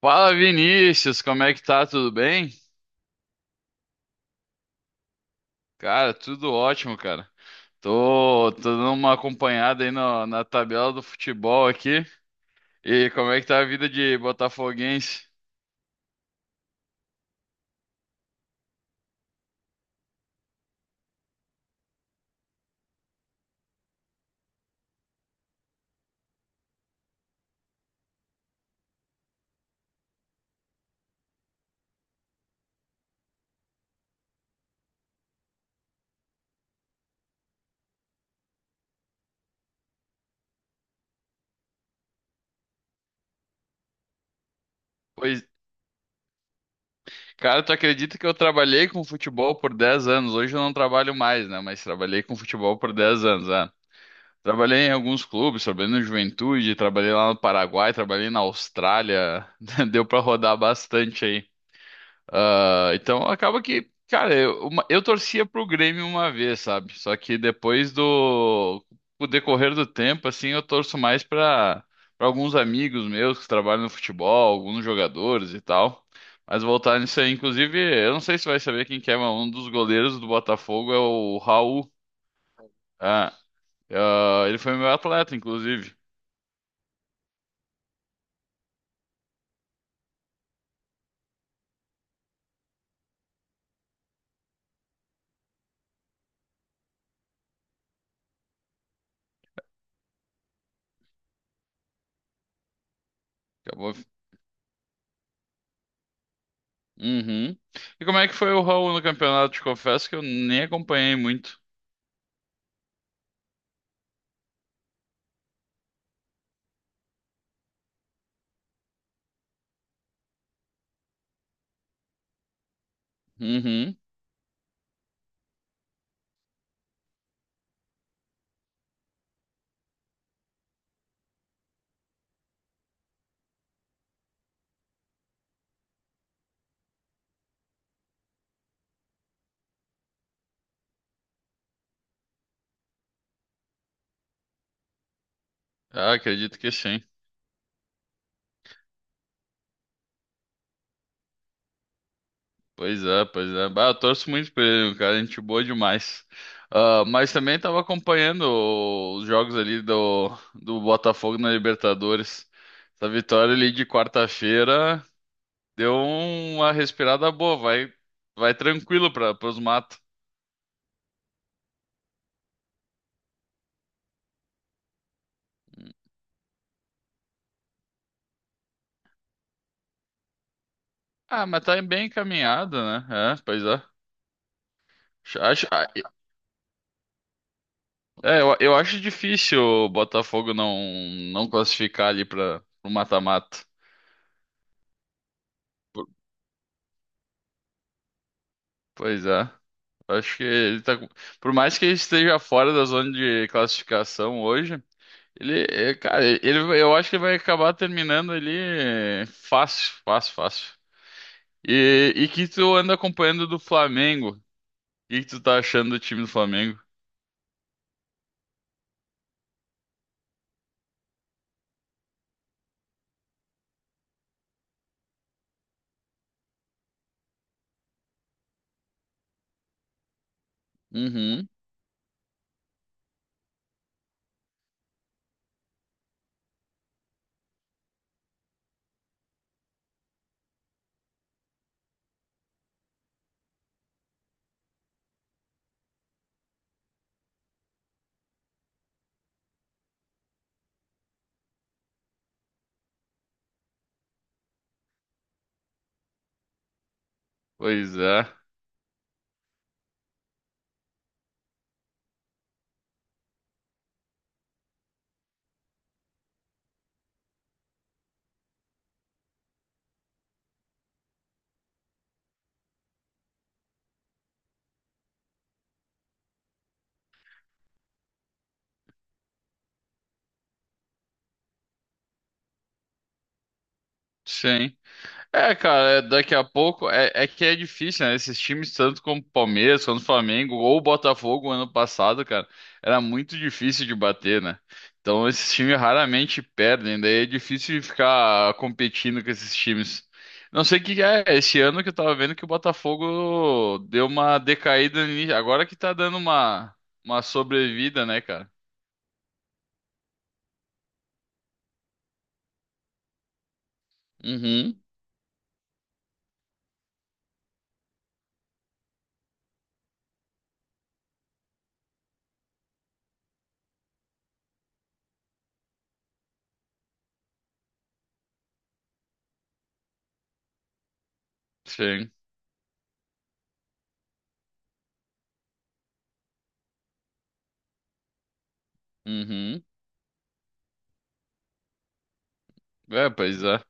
Fala, Vinícius, como é que tá? Tudo bem? Cara, tudo ótimo, cara. Tô dando uma acompanhada aí no- na tabela do futebol aqui. E como é que tá a vida de botafoguense? Pois, cara, tu acredita que eu trabalhei com futebol por 10 anos? Hoje eu não trabalho mais, né? Mas trabalhei com futebol por 10 anos, né? Trabalhei em alguns clubes, trabalhei no Juventude, trabalhei lá no Paraguai, trabalhei na Austrália. Deu pra rodar bastante. Ah, então acaba que, cara, eu torcia pro Grêmio uma vez, sabe? Só que depois do Com o decorrer do tempo, assim, eu torço mais pra Para alguns amigos meus que trabalham no futebol, alguns jogadores e tal. Mas voltar nisso aí, inclusive, eu não sei se vai saber quem que é, mas um dos goleiros do Botafogo é o Raul. Ah, ah, ele foi meu atleta, inclusive. Acabou. Uhum. E como é que foi o Raul no campeonato? Te confesso que eu nem acompanhei muito. Uhum. Ah, acredito que sim. Pois é. Bah, eu torço muito por ele, cara. Gente boa demais. Ah, mas também estava acompanhando os jogos do Botafogo na Libertadores. Essa vitória ali de quarta-feira deu uma respirada boa. Vai tranquilo para os matos. Ah, mas tá bem encaminhado, né? É, pois é. Acho, ah, é, eu acho difícil o Botafogo não classificar ali para o mata-mata. Pois é. Acho que ele tá. com- Por mais que ele esteja fora da zona de classificação hoje, ele, é, cara, ele, eu acho que ele vai acabar terminando ali, é, fácil, fácil, fácil. E que tu anda acompanhando do Flamengo? O que que tu tá achando do time do Flamengo? Uhum. Pois é. Sim. É, cara, é- daqui a pouco é, é que é difícil, né? Esses times, tanto como Palmeiras, quanto Flamengo ou o Botafogo ano passado, cara, era muito difícil de bater, né? Então esses times raramente perdem, daí é difícil de ficar competindo com esses times. Não sei o que é, esse ano que eu tava vendo que o Botafogo deu uma decaída, agora que tá dando uma sobrevida, né, cara? Uhum, sim. Uhum. É, pois é.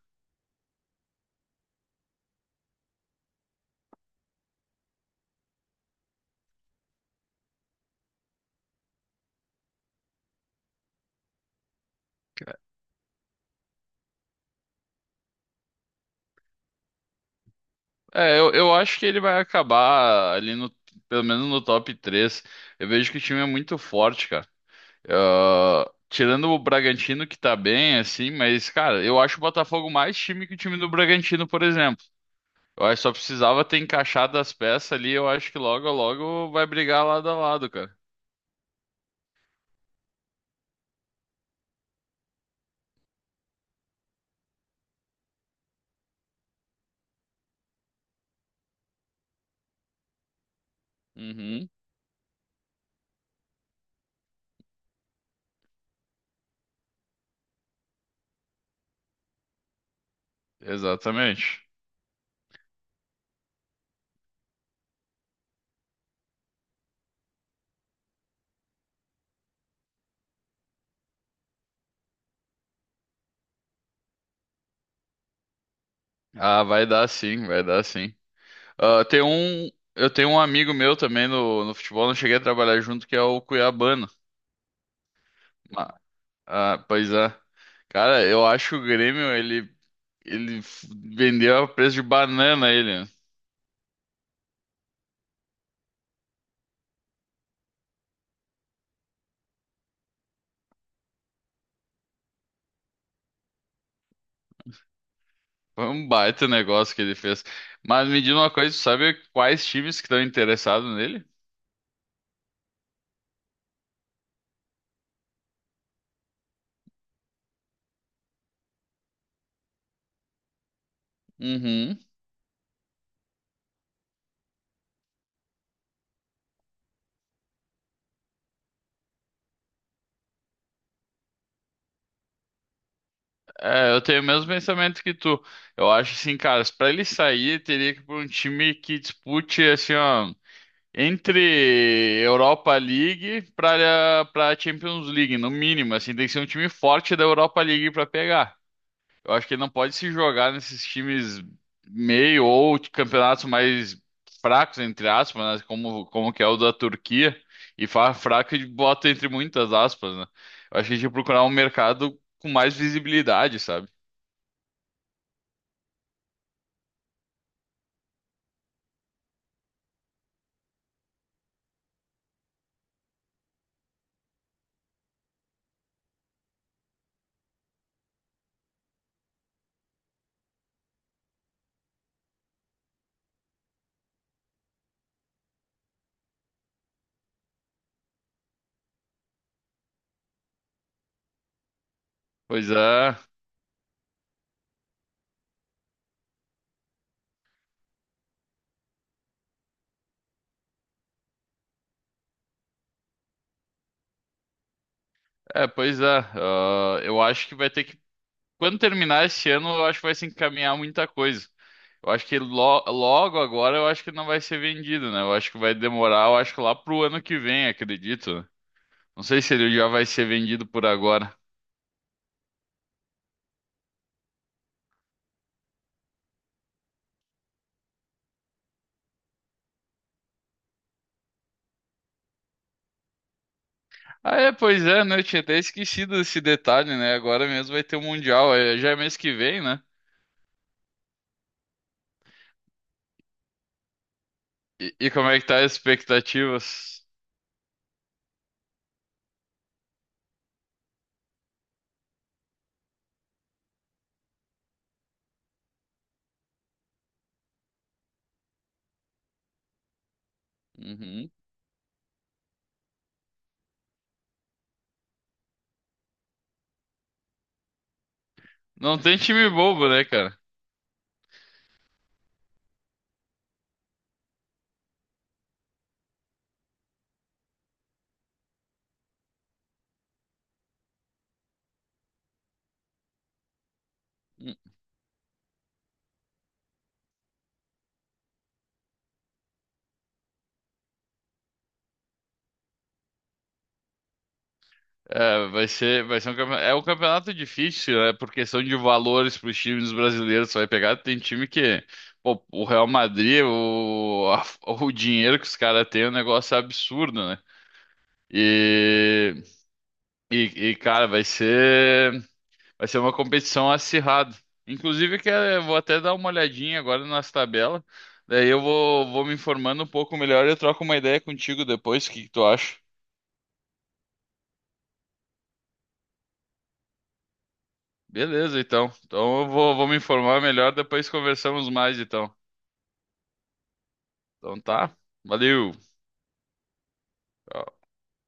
Eu acho que ele vai acabar ali no, pelo menos no top 3. Eu vejo que o time é muito forte, cara. Ah, tirando o Bragantino, que tá bem, assim, mas, cara, eu acho o Botafogo mais time que o time do Bragantino, por exemplo. Eu acho que só precisava ter encaixado as peças ali, eu acho que logo, logo vai brigar lado a lado, cara. Uhum, exatamente. Ah, vai dar sim. Ah, tem um, eu tenho um amigo meu também no futebol, não cheguei a trabalhar junto, que é o Cuiabano. Ah, pois é. Cara, eu acho que o Grêmio, ele f- vendeu a preço de banana ele, né? Foi um baita negócio que ele fez. Mas me diz uma coisa, tu sabe quais times que estão interessados nele? Uhum. É, eu tenho o mesmo pensamento que tu. Eu acho assim, cara, pra ele sair, teria que ir pra um time que dispute, assim, ó, entre Europa League pra Champions League, no mínimo, assim, tem que ser um time forte da Europa League pra pegar. Eu acho que ele não pode se jogar nesses times meio ou de campeonatos mais fracos, entre aspas, né? Como que é o da Turquia. E fala fraco e bota entre muitas aspas, né? Eu acho que a gente tinha que procurar um mercado com mais visibilidade, sabe? Pois é, pois é. Ah, eu acho que vai ter que. Quando terminar esse ano, eu acho que vai se encaminhar muita coisa. Eu acho que logo agora eu acho que não vai ser vendido, né? Eu acho que vai demorar, eu acho que lá pro ano que vem, acredito, né? Não sei se ele já vai ser vendido por agora. Ah, é, pois é, né? Eu tinha até esquecido desse detalhe, né? Agora mesmo vai ter o Mundial, é, já é mês que vem, né? E como é que tá as expectativas? Uhum. Não tem time bobo, né, cara? Hum, É, vai ser um campeonato, é um campeonato difícil, né? Por questão de valores para os times brasileiros, você vai pegar, tem time que, pô, o Real Madrid, o dinheiro que os caras têm é um negócio absurdo, né? E, e, e, cara, vai ser. Vai ser uma competição acirrada. Inclusive, vou até dar uma olhadinha agora nas tabelas. Daí vou me informando um pouco melhor e eu troco uma ideia contigo depois. O que que tu acha? Beleza, então. Então vou me informar melhor, depois conversamos mais, então. Então tá. Valeu. Tchau.